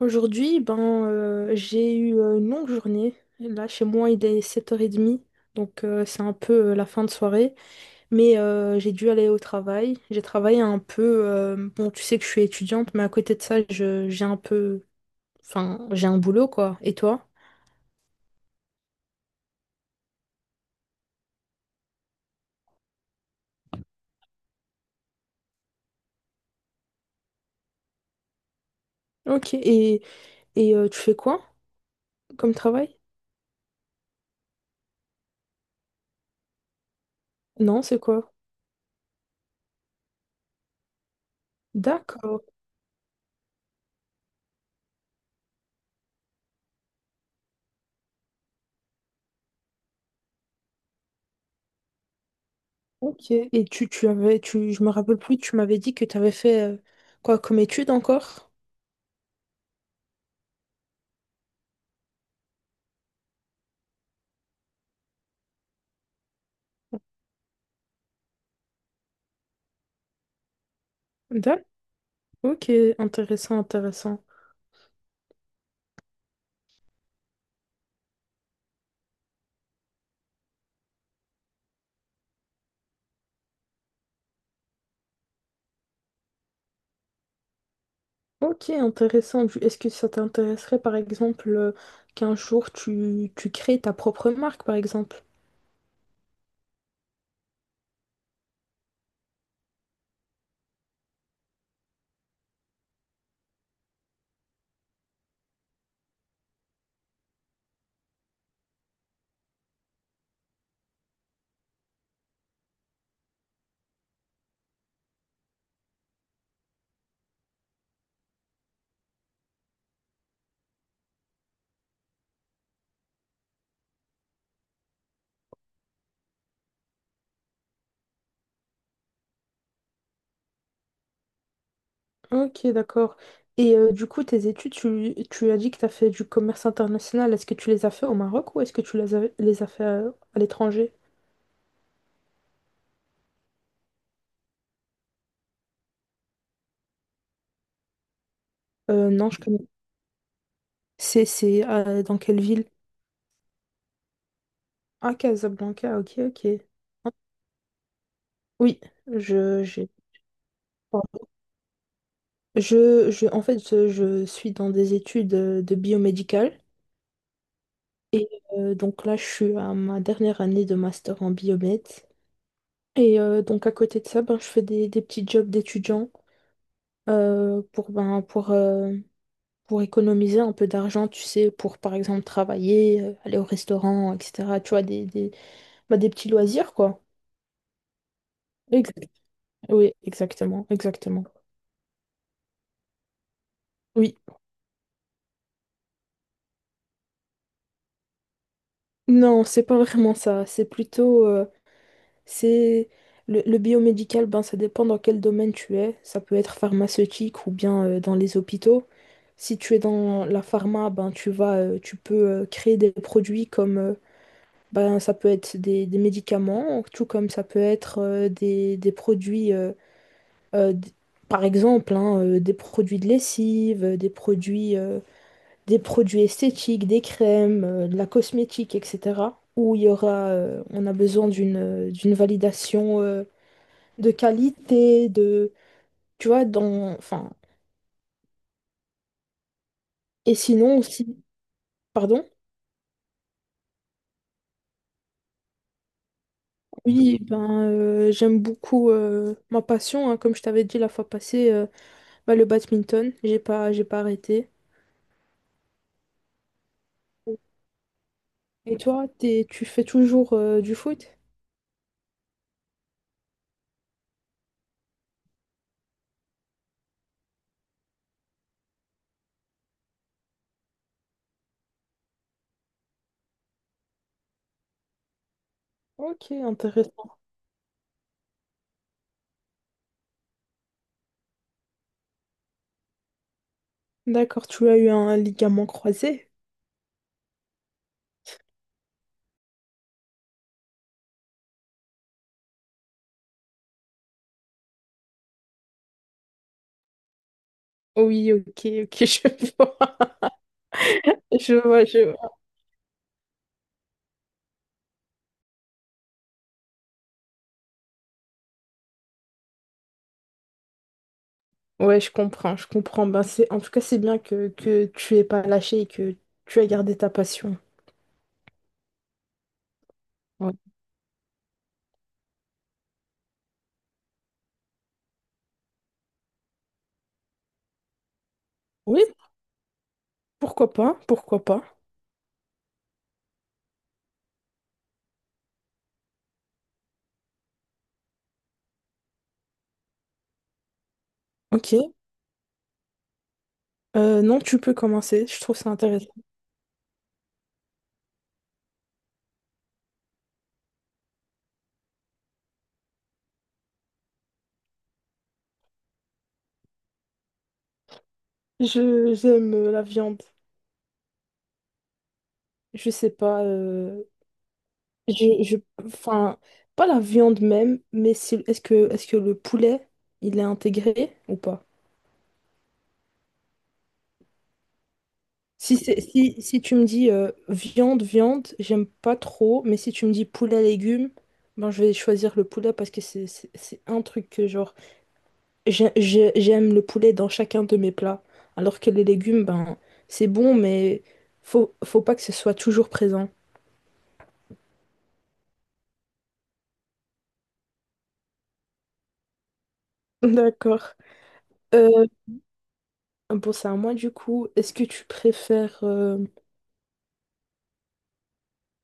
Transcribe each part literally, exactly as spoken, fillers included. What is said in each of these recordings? Aujourd'hui, ben, euh, j'ai eu euh, une longue journée. Là, chez moi, il est sept heures trente, donc euh, c'est un peu euh, la fin de soirée. Mais euh, j'ai dû aller au travail. J'ai travaillé un peu. euh, bon, tu sais que je suis étudiante, mais à côté de ça, je, j'ai un peu. Enfin, j'ai un boulot, quoi. Et toi? Ok. Et, et euh, tu fais quoi comme travail? Non, c'est quoi? D'accord. Ok. Et tu, tu avais. Tu, je me rappelle plus, tu m'avais dit que tu avais fait euh, quoi comme étude encore? Ok, intéressant, intéressant. Ok, intéressant. Du- Est-ce que ça t'intéresserait, par exemple, euh, qu'un jour tu, tu crées ta propre marque, par exemple? Ok, d'accord. Et euh, du coup, tes études, tu, tu as dit que tu as fait du commerce international. Est-ce que tu les as fait au Maroc ou est-ce que tu les as, les as fait à, à l'étranger? Euh, non, je connais. C'est, c'est euh, dans quelle ville? Ah, Casablanca, ok, ok. Oui, je, j'ai. Je, je, en fait, je je suis dans des études euh, de biomédical. Euh, donc là, je suis à ma dernière année de master en biomed. Et euh, donc à côté de ça, ben, je fais des, des petits jobs d'étudiant euh, pour, ben, pour, euh, pour économiser un peu d'argent, tu sais, pour par exemple travailler, euh, aller au restaurant, et cetera. Tu vois, des, des, ben, des petits loisirs, quoi. Exact. Oui, exactement, exactement. Oui. Non, c'est pas vraiment ça. C'est plutôt... euh, C'est le, le biomédical, ben ça dépend dans quel domaine tu es. Ça peut être pharmaceutique ou bien euh, dans les hôpitaux. Si tu es dans la pharma, ben tu vas, euh, tu peux euh, créer des produits comme euh, ben ça peut être des, des médicaments, tout comme ça peut être euh, des, des produits, euh, euh, d- par exemple, hein, euh, des produits de lessive, euh, des produits, euh, des produits esthétiques, des crèmes, euh, de la cosmétique, et cetera. Où il y aura, euh, on a besoin d'une euh, d'une validation. euh, de qualité, de, tu vois, dans, enfin, et sinon aussi, pardon, oui, ben, euh, j'aime beaucoup euh, ma passion, hein, comme je t'avais dit la fois passée, euh, bah, le badminton, j'ai pas, j'ai pas arrêté. Et toi, t'es- tu fais toujours euh, du foot? Ok, intéressant. D'accord, tu as eu un ligament croisé? Oui, ok, ok, je vois. Je vois, je vois. Ouais, je comprends, je comprends. Ben, c'est, en tout cas, c'est bien que, que tu aies pas lâché et que tu as gardé ta passion. Ouais. Oui, pourquoi pas? Pourquoi pas? Ok. Euh, non, tu peux commencer. Je trouve ça intéressant. Je j'aime euh, la viande. Je sais pas. euh, je, je, enfin, pas la viande même, mais si- est-ce que est-ce que le poulet il est intégré ou pas? Si c'est si, si tu me dis euh, viande viande, j'aime pas trop. Mais si tu me dis poulet légumes, ben je vais choisir le poulet parce que c'est c'est c'est un truc que genre J'ai- j'ai- J'aime le poulet dans chacun de mes plats, alors que les légumes, ben, c'est bon, mais faut, faut pas que ce soit toujours présent. D'accord. Euh, bon, c'est à moi du coup. Est-ce que tu préfères, euh,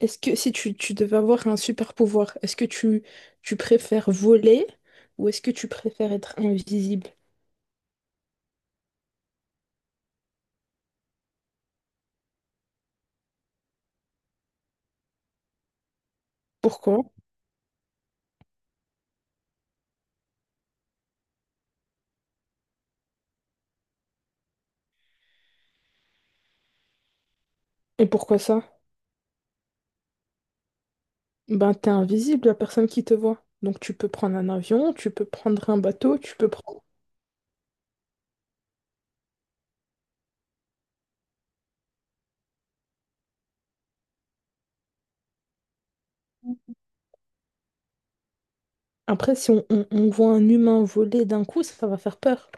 est-ce que si tu, tu devais avoir un super pouvoir, est-ce que tu, tu préfères voler ou est-ce que tu préfères être invisible? Pourquoi? Et pourquoi ça? Ben, t'es invisible, la personne qui te voit. Donc tu peux prendre un avion, tu peux prendre un bateau, tu peux prendre. Après, si on, on- on voit un humain voler d'un coup, ça va faire peur.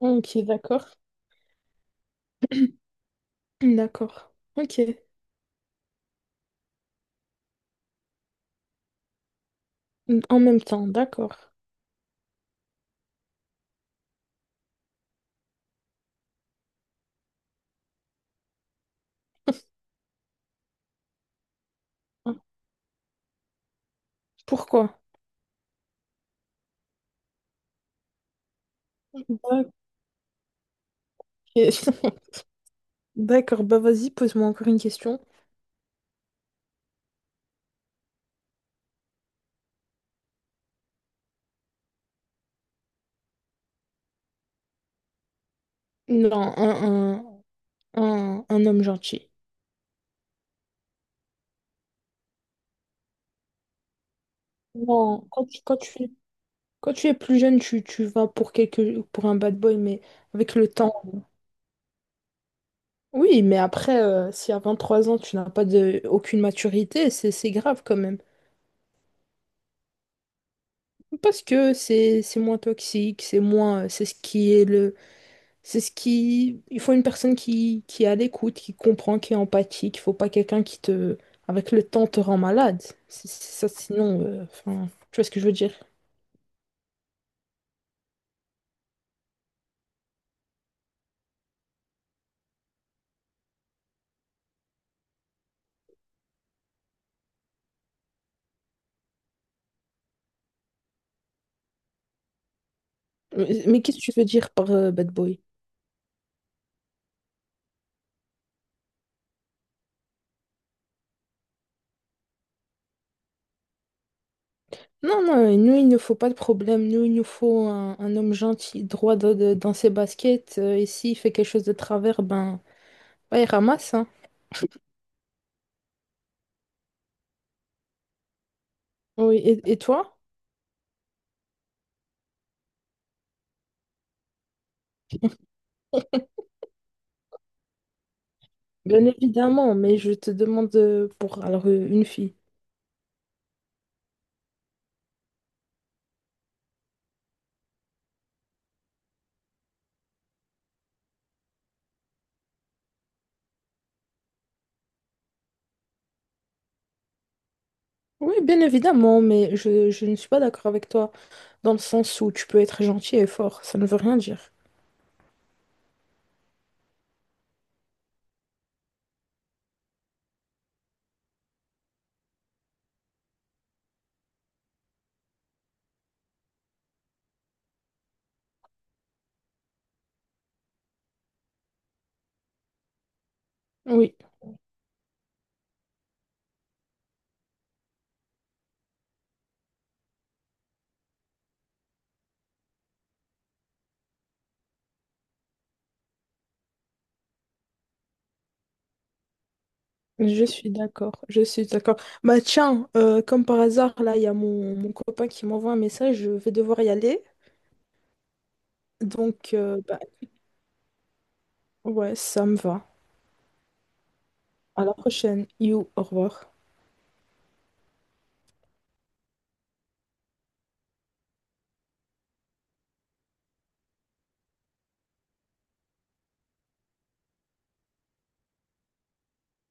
Ok, d'accord. D'accord. Ok. En même temps, d'accord. Pourquoi? Ok. D'accord, bah vas-y, pose-moi encore une question. Non, un, un, un, un homme gentil. Non, quand tu, quand tu, quand tu es plus jeune, tu, tu vas pour quelque, pour un bad boy, mais avec le temps. Oui, mais après, euh, si à vingt-trois ans, tu n'as pas de, aucune maturité, c'est, c'est grave quand même. Parce que c'est c'est moins toxique, c'est moins c'est ce qui est le c'est ce qui il faut une personne qui qui est à l'écoute, qui comprend, qui est empathique, il faut pas quelqu'un qui te avec le temps te rend malade. C'est c'est ça sinon euh, enfin tu vois ce que je veux dire. Mais, mais qu'est-ce que tu veux dire par euh, bad boy? Non non, nous il ne faut pas de problème, nous il nous faut un, un homme gentil, droit de- de- dans ses baskets euh, et s'il fait quelque chose de travers ben bah, il ramasse hein. Oui, et, et toi? Bien évidemment, mais je te demande euh, pour alors euh, une fille. Oui, bien évidemment, mais je, je ne suis pas d'accord avec toi dans le sens où tu peux être gentil et fort, ça ne veut rien dire. Oui, je suis d'accord, je suis d'accord. Bah tiens, euh, comme par hasard, là, il y a mon, mon copain qui m'envoie un message, je vais devoir y aller. Donc, euh, bah, ouais, ça me va. À la prochaine. You, au revoir.